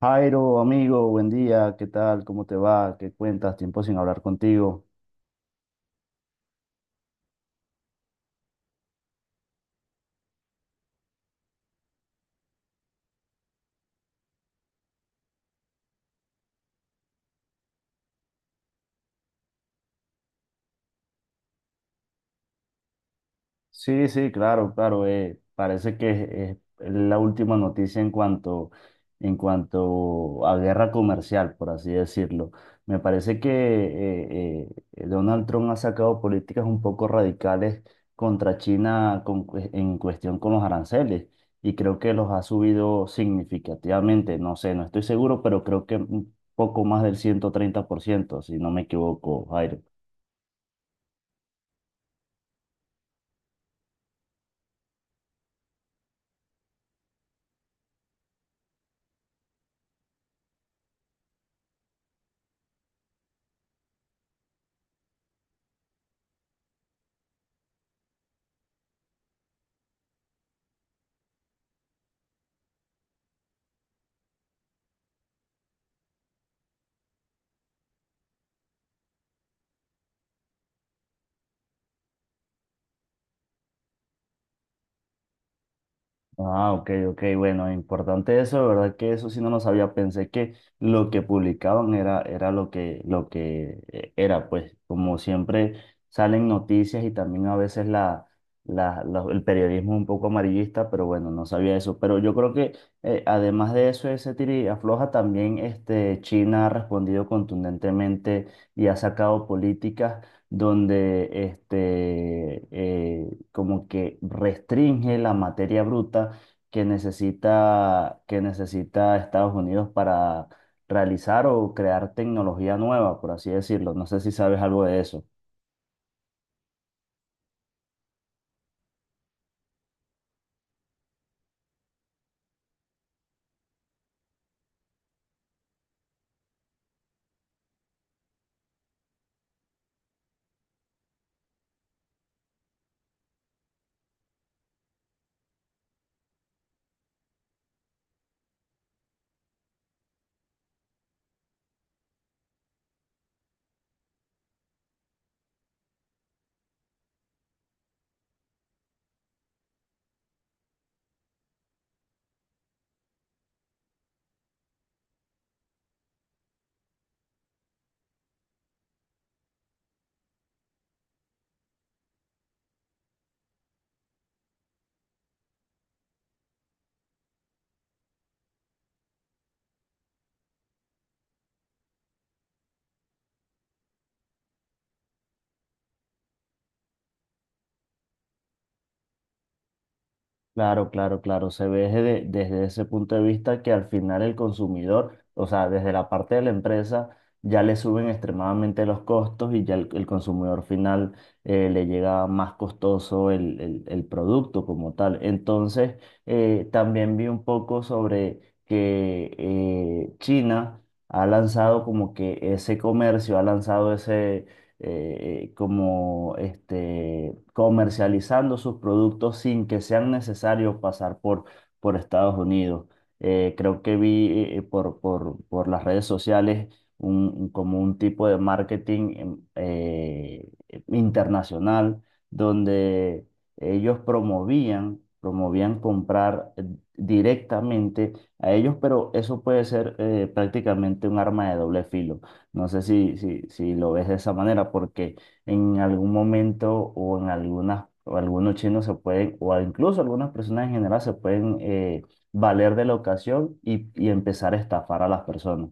Jairo, amigo, buen día, ¿qué tal? ¿Cómo te va? ¿Qué cuentas? Tiempo sin hablar contigo. Sí, sí, claro, claro. Parece que es la última noticia en cuanto a guerra comercial, por así decirlo. Me parece que Donald Trump ha sacado políticas un poco radicales contra China en cuestión con los aranceles y creo que los ha subido significativamente. No sé, no estoy seguro, pero creo que un poco más del 130%, si no me equivoco, Jairo. Ah, ok, ok, bueno, importante eso, de verdad que eso sí no lo sabía, pensé que lo que publicaban era lo que, lo que era, pues como siempre salen noticias y también a veces la, el periodismo es un poco amarillista, pero bueno, no sabía eso, pero yo creo que además de eso, ese tira y afloja, también este, China ha respondido contundentemente y ha sacado políticas donde este, como que restringe la materia bruta que necesita Estados Unidos para realizar o crear tecnología nueva, por así decirlo. No sé si sabes algo de eso. Claro, claro, claro. Se ve desde, desde ese punto de vista que al final el consumidor, o sea, desde la parte de la empresa, ya le suben extremadamente los costos y ya el consumidor final le llega más costoso el, el producto como tal. Entonces, también vi un poco sobre que China ha lanzado como que ese comercio, ha lanzado como este, comercializando sus productos sin que sean necesarios pasar por Estados Unidos. Creo que vi por, por las redes sociales un, como un tipo de marketing internacional donde ellos promovían, promovían comprar directamente a ellos, pero eso puede ser prácticamente un arma de doble filo no sé si lo ves de esa manera, porque en algún momento o en algunas, o algunos chinos se pueden, o incluso algunas personas en general se pueden valer de la ocasión y empezar a estafar a las personas.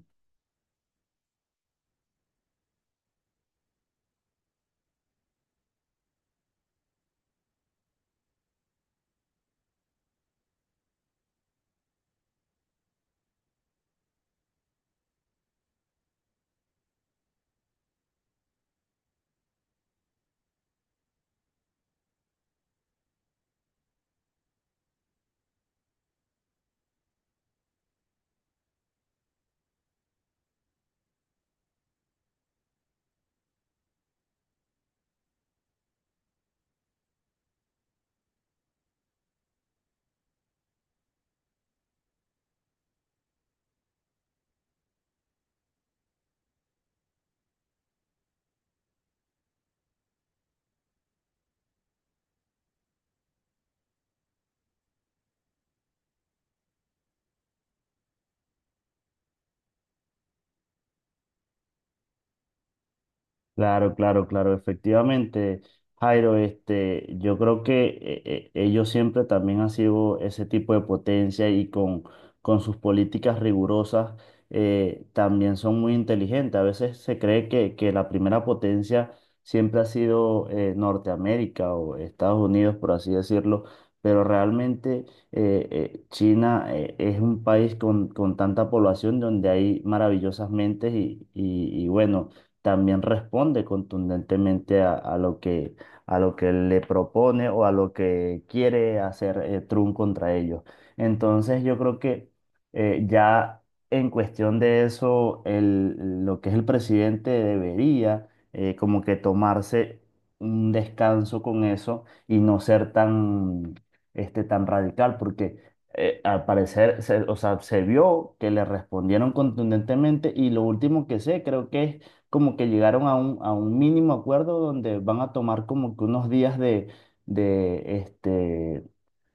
Claro, claro, claro, efectivamente, Jairo, este, yo creo que ellos siempre también han sido ese tipo de potencia y con sus políticas rigurosas también son muy inteligentes. A veces se cree que la primera potencia siempre ha sido Norteamérica o Estados Unidos, por así decirlo, pero realmente China es un país con tanta población donde hay maravillosas mentes y, y bueno también responde contundentemente a lo que le propone o a lo que quiere hacer Trump contra ellos. Entonces yo creo que ya en cuestión de eso, lo que es el presidente debería como que tomarse un descanso con eso y no ser tan, este, tan radical, porque al parecer, se, o sea, se vio que le respondieron contundentemente y lo último que sé creo que es como que llegaron a un mínimo acuerdo donde van a tomar como que unos días de, este,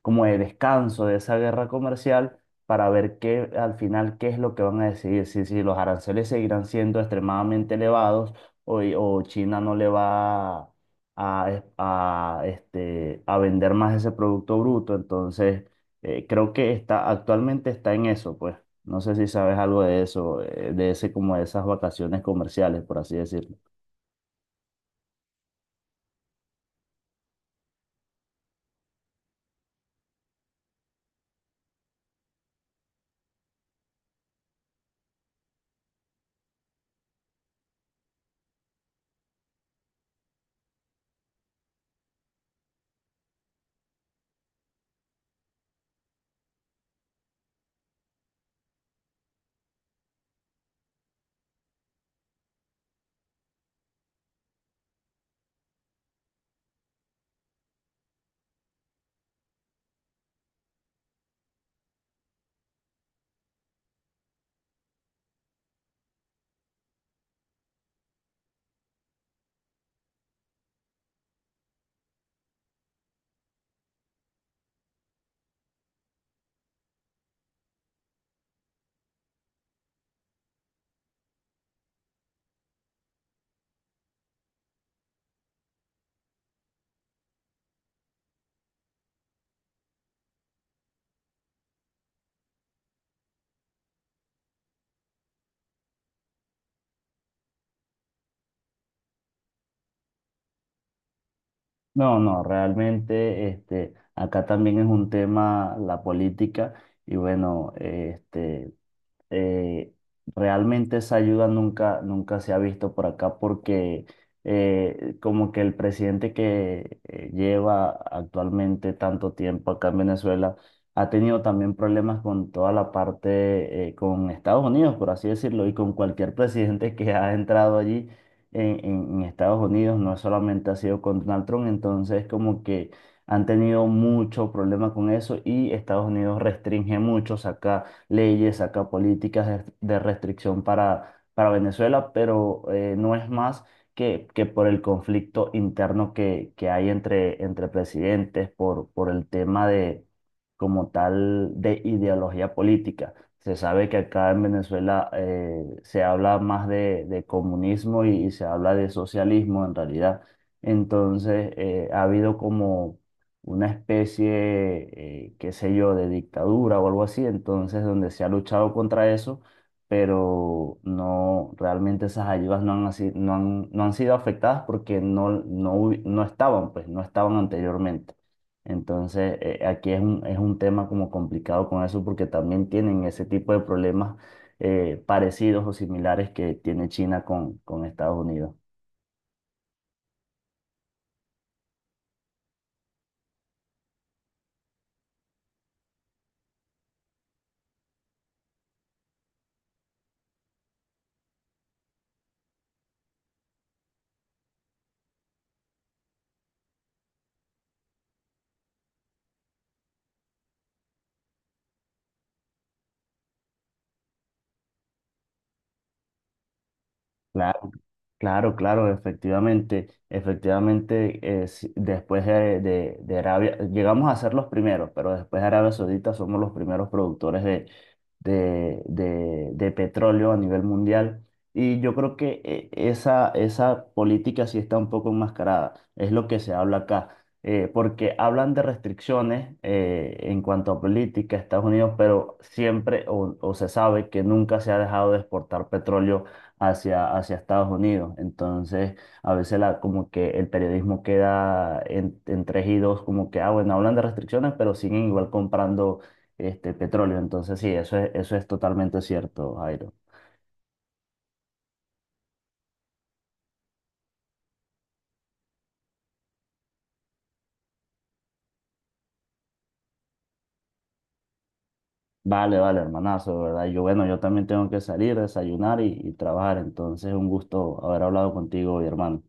como de descanso de esa guerra comercial para ver qué, al final qué es lo que van a decidir, si, si los aranceles seguirán siendo extremadamente elevados o China no le va a, este, a vender más ese producto bruto. Entonces, creo que está, actualmente está en eso, pues. No sé si sabes algo de eso, de ese como de esas vacaciones comerciales, por así decirlo. No, no, realmente este, acá también es un tema la política y bueno, este, eh, realmente esa ayuda nunca, nunca se ha visto por acá porque como que el presidente que lleva actualmente tanto tiempo acá en Venezuela ha tenido también problemas con toda la parte, con Estados Unidos, por así decirlo, y con cualquier presidente que ha entrado allí en, en Estados Unidos, no solamente ha sido con Donald Trump, entonces como que han tenido mucho problema con eso y Estados Unidos restringe mucho, acá leyes, saca políticas de restricción para Venezuela, pero no es más que por el conflicto interno que hay entre, entre presidentes, por el tema de, como tal, de ideología política. Se sabe que acá en Venezuela se habla más de comunismo y se habla de socialismo en realidad. Entonces, ha habido como una especie, qué sé yo, de dictadura o algo así, entonces donde se ha luchado contra eso, pero no, realmente esas ayudas no han, no han, no han sido afectadas porque no, no, no estaban, pues no estaban anteriormente. Entonces, aquí es un tema como complicado con eso porque también tienen ese tipo de problemas parecidos o similares que tiene China con Estados Unidos. Claro, claro, efectivamente, efectivamente, después de, de Arabia, llegamos a ser los primeros, pero después de Arabia Saudita somos los primeros productores de, de petróleo a nivel mundial. Y yo creo que esa, esa política sí está un poco enmascarada, es lo que se habla acá, porque hablan de restricciones en cuanto a política, Estados Unidos, pero siempre o se sabe que nunca se ha dejado de exportar petróleo hacia, hacia Estados Unidos. Entonces, a veces la, como que el periodismo queda en 3-2, como que, ah, bueno, hablan de restricciones, pero siguen igual comprando este petróleo. Entonces, sí, eso es totalmente cierto, Jairo. Vale, vale, hermanazo, ¿verdad? Yo, bueno, yo también tengo que salir, desayunar y trabajar. Entonces, un gusto haber hablado contigo, hoy, hermano.